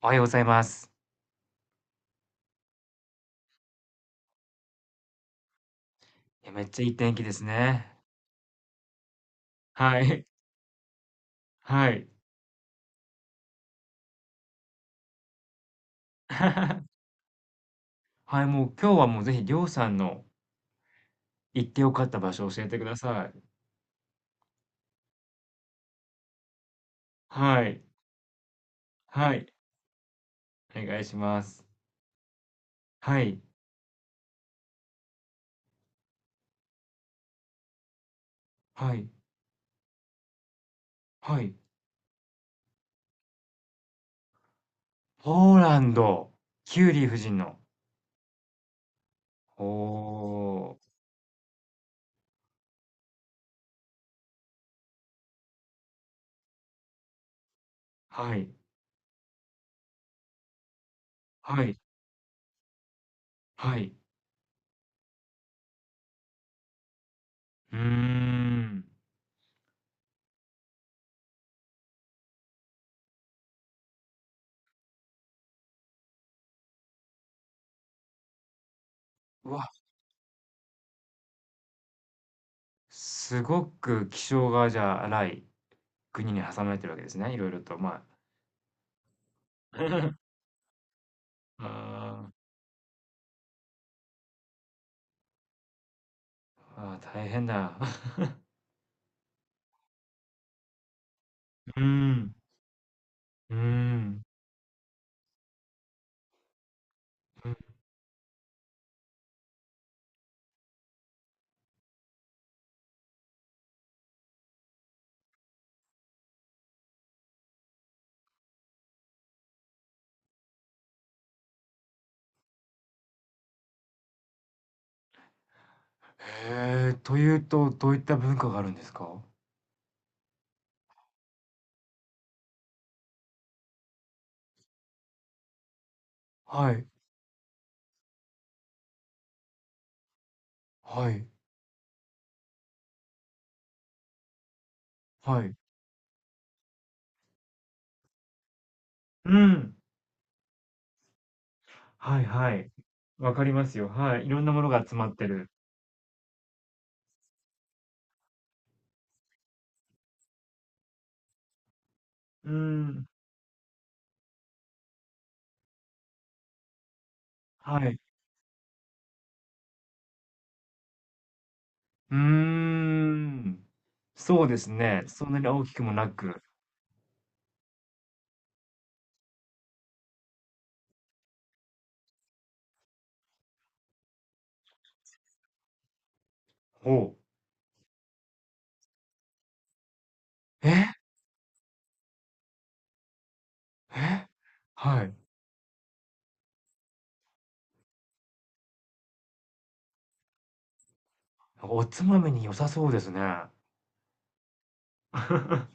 おはようございます。いや、めっちゃいい天気ですね。はい。はい。はい、もう今日はもうぜひりょうさんの行ってよかった場所を教えてください。はい。はい。お願いします。はい。はい。はい。ポーランド。キューリー夫人の。おー。はい。はい。はい。うーん。うわ、すごく気性がじゃあ荒い国に挟まれてるわけですね。いろいろと、まあ。ああ。ああ、大変だ。うーん。うーん。へえ、というと、どういった文化があるんですか？はい、はい、はい。うん。はいはい。わかりますよ。はい。いろんなものが集まってる。うーん。はい。うーん。そうですね。そんなに大きくもなく。ほう。え？え？はい。おつまみに良さそうですね。は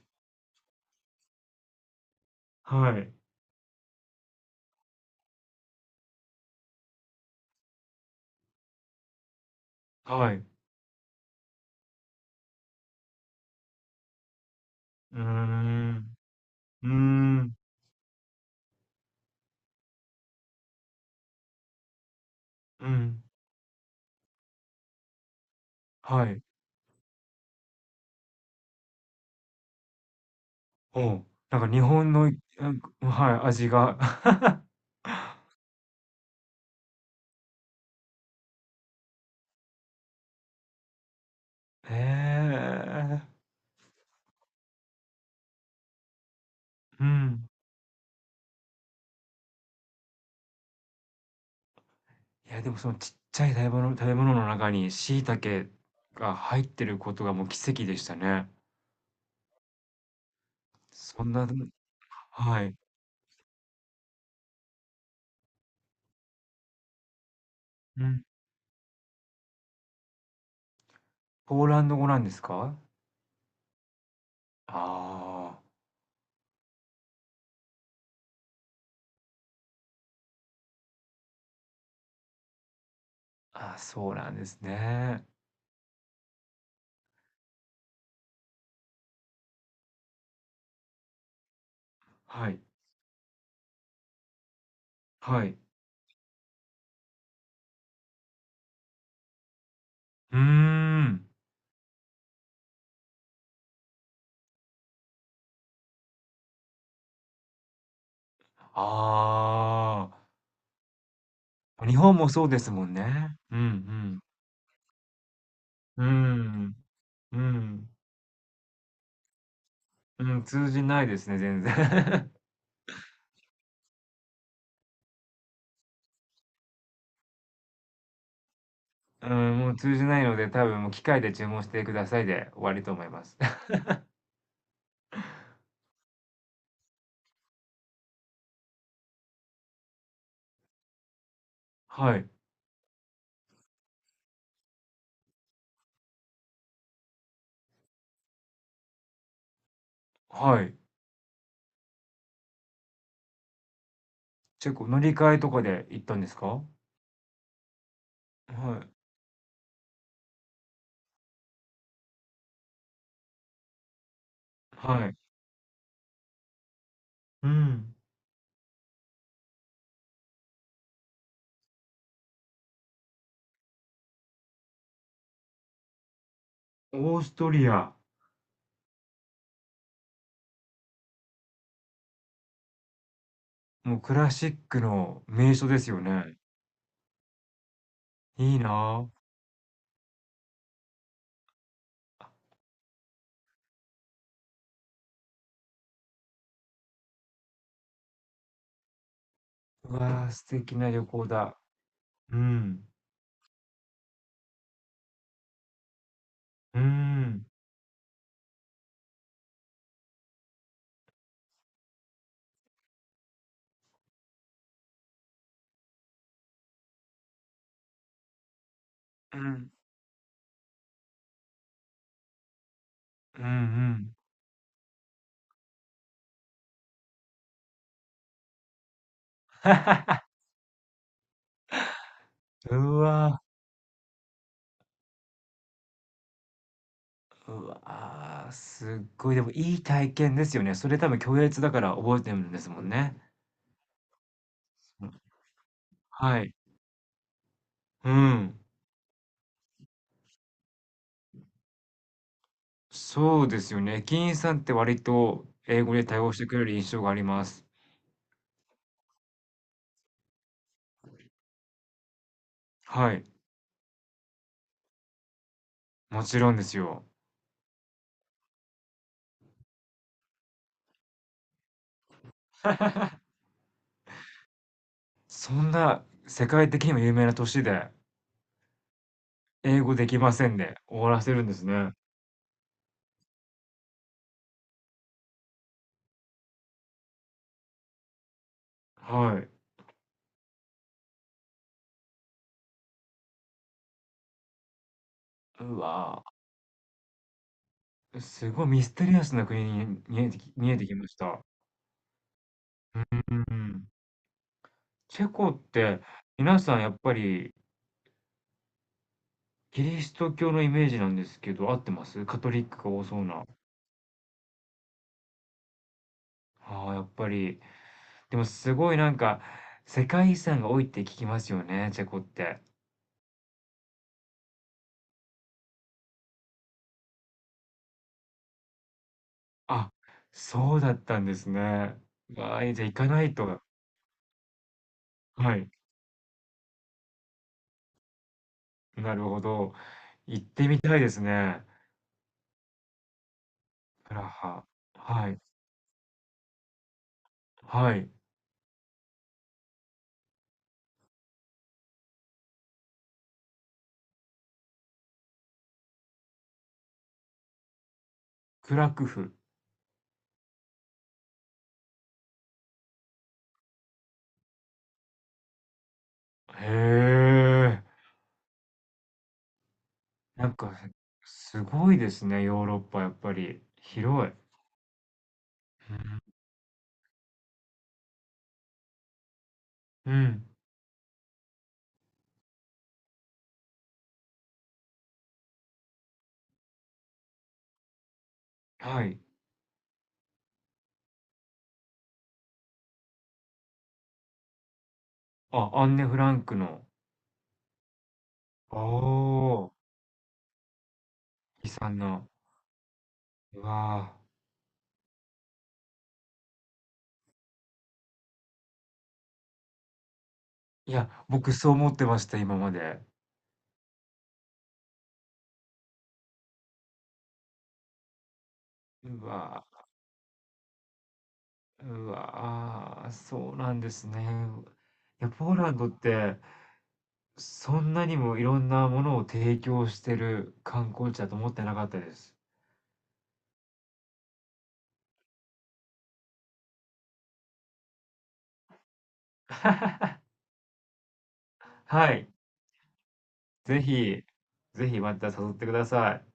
い。はい。うーん。うーん。うん。はい。うん。なんか日本の、なんかはい、味が。へえ。うん。いや、でもそのちっちゃい食べ物の中に椎茸が入ってることがもう奇跡でしたね。そんな、はい。うん。ポーランド語なんですか？ああ。あ、そうなんですね。はい。はい。うーん。ああ。日本もそうですもんね。うんうん。うーん。うん。うん、通じないですね、全然。うん、もう通じないので、多分もう機械で注文してくださいで終わりと思います。はい、はい。チェコ、乗り換えとかで行ったんですか？はい、はい。うん。オーストリア、もうクラシックの名所ですよね。いいなあ。うわあ、素敵な旅行だ。うん。うん。うん。うんうん。うわー、すっごい、でもいい体験ですよね。それ多分共通だから覚えてるんですもんね。うん、はい。うん。そうですよね。駅員さんって割と英語で対応してくれる印象があります。はい、もちろんですよ。そんな世界的にも有名な都市で、英語できませんで終わらせるんですね。はい。うわー、すごいミステリアスな国に見えてきました。うんうんうん。チェコって皆さんやっぱりキリスト教のイメージなんですけど、合ってます？カトリックが多そうな。ああ、やっぱり。でもすごいなんか、世界遺産が多いって聞きますよね、チェコって。あ、そうだったんですね。わあ、じゃあ行かないと。はい、なるほど。行ってみたいですね。プラハ。はい、はい。クラクフ。へえ。なんか、すごいですね、ヨーロッパやっぱり。広い。うん。うん。はい。あ、アンネ・フランクの。おー、悲惨な。うわーいや、僕そう思ってました、今まで。うわー、うわ、あーそうなんですね。いや、ポーランドって、そんなにもいろんなものを提供してる観光地だと思ってなかったです。はい。ぜひ、ぜひまた誘ってください。